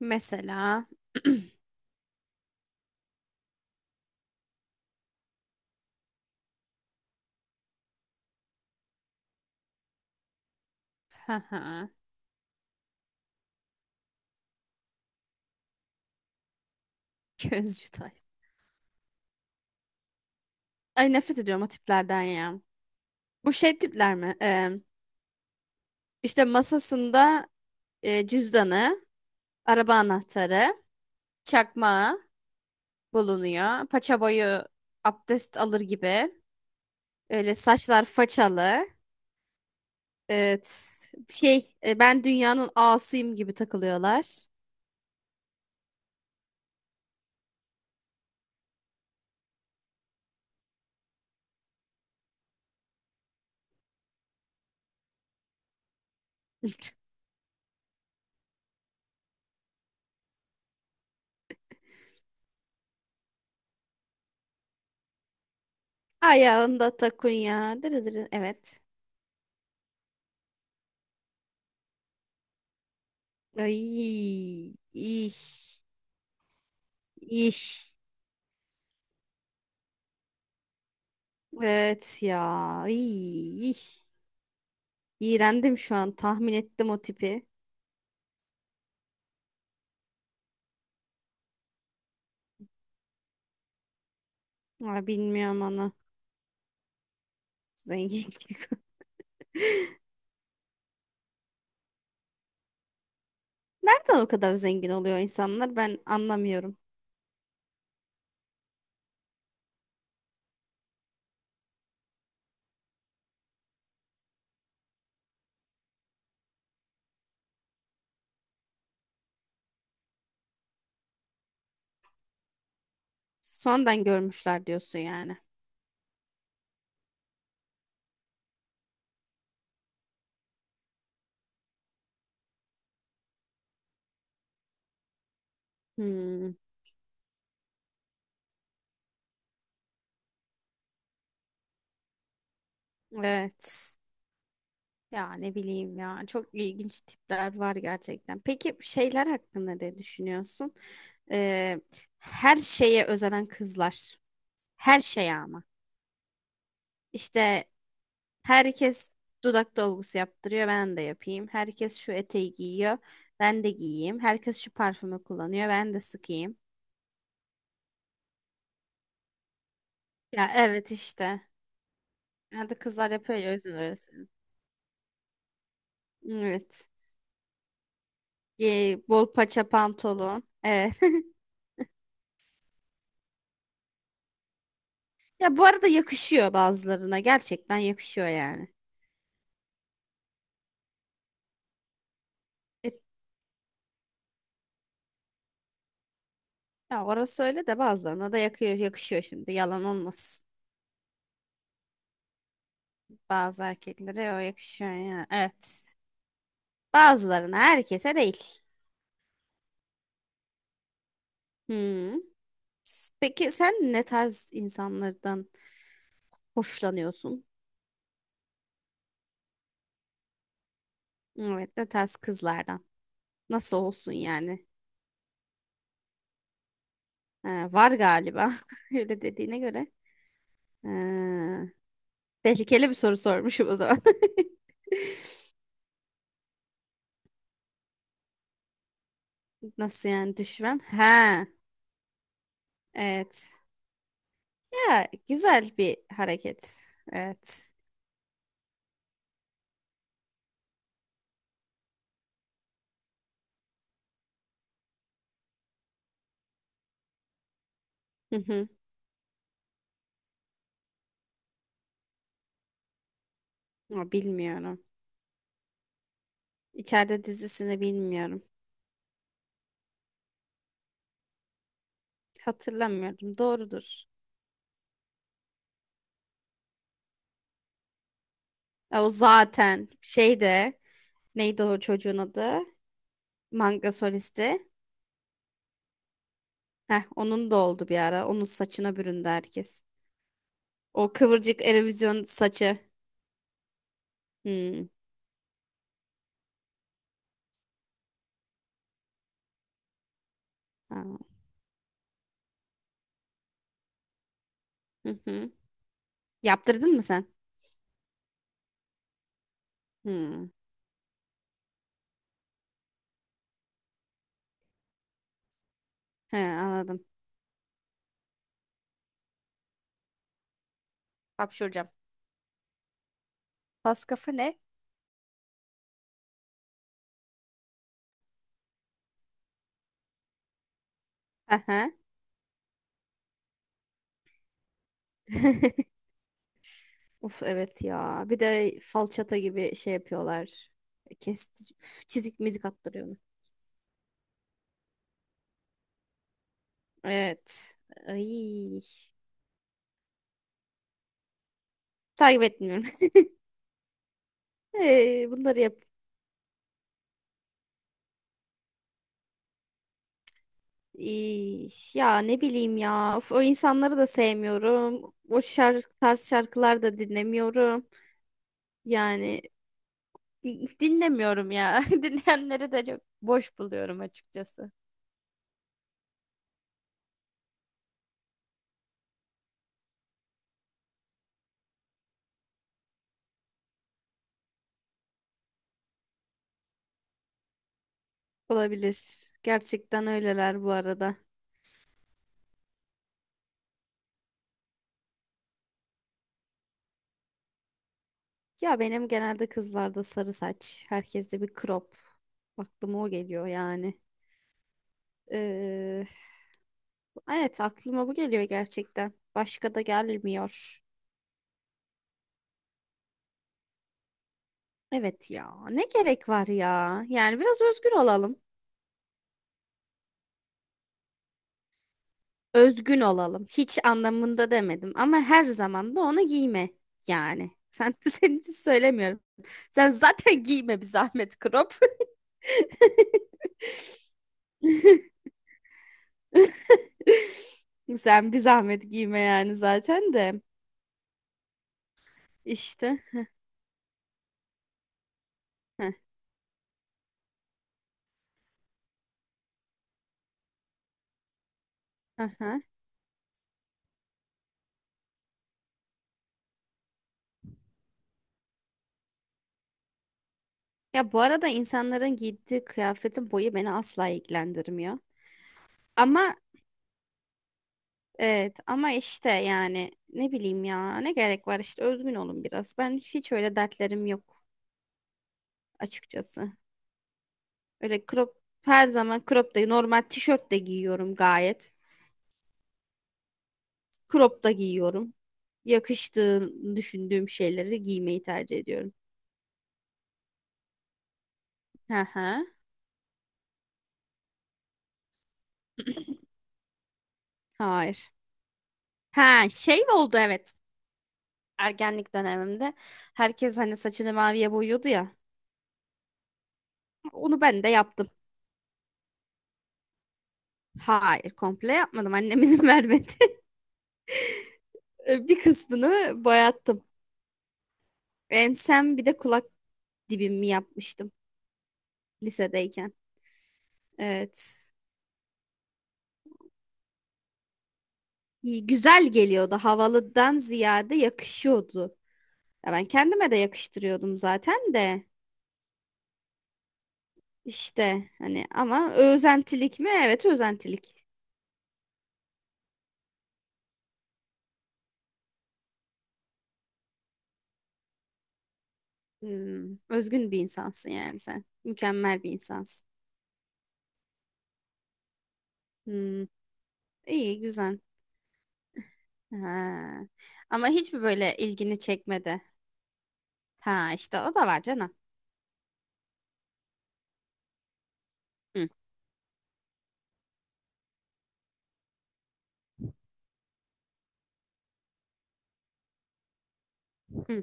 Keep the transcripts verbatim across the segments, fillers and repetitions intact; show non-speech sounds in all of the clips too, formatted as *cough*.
Mesela *clears throat* haha, közcü tayfa. Ay, nefret ediyorum o tiplerden ya. Bu şey tipler mi? Ee, işte masasında e, cüzdanı, araba anahtarı, çakmağı bulunuyor. Paça boyu abdest alır gibi. Öyle saçlar façalı. Evet. Şey e, ben dünyanın ağasıyım gibi takılıyorlar. *laughs* Ayağında takunya. Dırı dırı. Evet. Ay, iş, iş. Evet ya. İy, İğrendim şu an. Tahmin ettim o tipi. Ama bilmiyorum onu. Zengin. *laughs* Nereden o kadar zengin oluyor insanlar? Ben anlamıyorum. Sonradan görmüşler diyorsun yani. Hmm, evet. Ya ne bileyim ya. Çok ilginç tipler var gerçekten. Peki şeyler hakkında ne düşünüyorsun? Ee, her şeye özenen kızlar. Her şeye ama. İşte herkes dudak dolgusu yaptırıyor, ben de yapayım. Herkes şu eteği giyiyor, ben de giyeyim. Herkes şu parfümü kullanıyor, ben de sıkayım. Ya evet işte. Ya da kızlar yapıyor ya, o yüzden öyle söylüyorum. Evet. Ee, bol paça pantolon. Evet. *laughs* Ya bu arada yakışıyor bazılarına. Gerçekten yakışıyor yani. E, ya orası öyle de bazılarına da yakıyor, yakışıyor şimdi. Yalan olmasın. Bazı erkeklere o yakışıyor yani. Evet. Bazılarına, herkese değil. Hmm. Peki sen ne tarz insanlardan hoşlanıyorsun? Evet, ne tarz kızlardan? Nasıl olsun yani? Ha, var galiba. *laughs* Öyle dediğine göre. Ha, tehlikeli bir soru sormuşum o zaman. *laughs* Nasıl yani düşman? Ha, evet. Ya güzel bir hareket. Evet. Hı hı. Ama bilmiyorum. İçeride dizisini bilmiyorum. Hatırlamıyorum. Doğrudur. Ya o zaten şeyde neydi o çocuğun adı? Manga solisti. Heh, onun da oldu bir ara. Onun saçına büründü herkes. O kıvırcık Eurovision saçı. Hmm. Ha. Hı hı. Yaptırdın mı sen? Hmm. He, anladım. Hapşuracağım. Pas kafa ne? Aha. *laughs* Of, evet ya. Bir de falçata gibi şey yapıyorlar. Kestir. Çizik mizik attırıyor. Evet. Ay. Takip etmiyorum. *laughs* Ee, bunları yap. İy, Ya ne bileyim ya. Of, o insanları da sevmiyorum. O şarkı, tarz şarkılar da dinlemiyorum. Yani *laughs* dinlemiyorum ya. *laughs* Dinleyenleri de çok boş buluyorum açıkçası. Olabilir. Gerçekten öyleler bu arada. Ya benim genelde kızlarda sarı saç. Herkeste bir crop. Aklıma o geliyor yani. Ee, evet aklıma bu geliyor gerçekten. Başka da gelmiyor. Evet ya, ne gerek var ya? Yani biraz özgür olalım. Özgün olalım. Hiç anlamında demedim, ama her zaman da onu giyme yani. Sen *laughs* senin için söylemiyorum. Sen zaten giyme bir zahmet crop. *laughs* Sen bir zahmet giyme yani zaten de. İşte. Heh, aha. Ya bu arada insanların giydiği kıyafetin boyu beni asla ilgilendirmiyor. Ama evet, ama işte yani ne bileyim ya, ne gerek var, işte özgün olun biraz. Ben hiç öyle dertlerim yok açıkçası. Öyle crop, her zaman crop da normal tişört de giyiyorum gayet. Crop da giyiyorum. Yakıştığını düşündüğüm şeyleri giymeyi tercih ediyorum. Hı hı. Hayır. Ha şey oldu, evet. Ergenlik dönemimde herkes hani saçını maviye boyuyordu ya. Onu ben de yaptım. Hayır, komple yapmadım. Annem izin *laughs* vermedi. E, Bir kısmını boyattım. Ensem bir de kulak dibimi yapmıştım lisedeyken. Evet. İyi, güzel geliyordu. Havalıdan ziyade yakışıyordu. Ya ben kendime de yakıştırıyordum zaten de. İşte hani ama özentilik mi? Evet, özentilik. Hmm, özgün bir insansın yani sen. Mükemmel bir insansın. Hmm, iyi güzel. Ha. Ama hiç mi böyle ilgini çekmedi? Ha işte o da var canım. Hı, hı.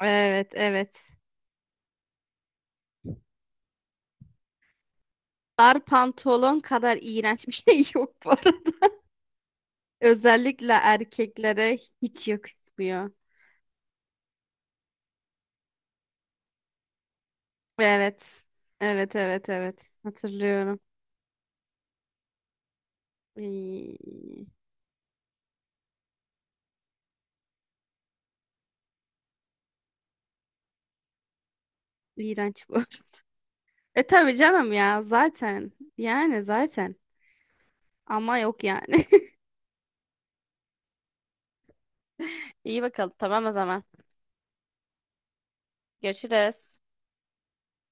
Evet evet. Dar pantolon kadar iğrenç bir şey *laughs* yok bu arada. Özellikle erkeklere hiç yakışmıyor. Evet. Evet evet evet. Hatırlıyorum. İy, İğrenç bu. *laughs* E tabii canım ya zaten. Yani zaten. Ama yok yani. *laughs* İyi bakalım, tamam o zaman. Görüşürüz.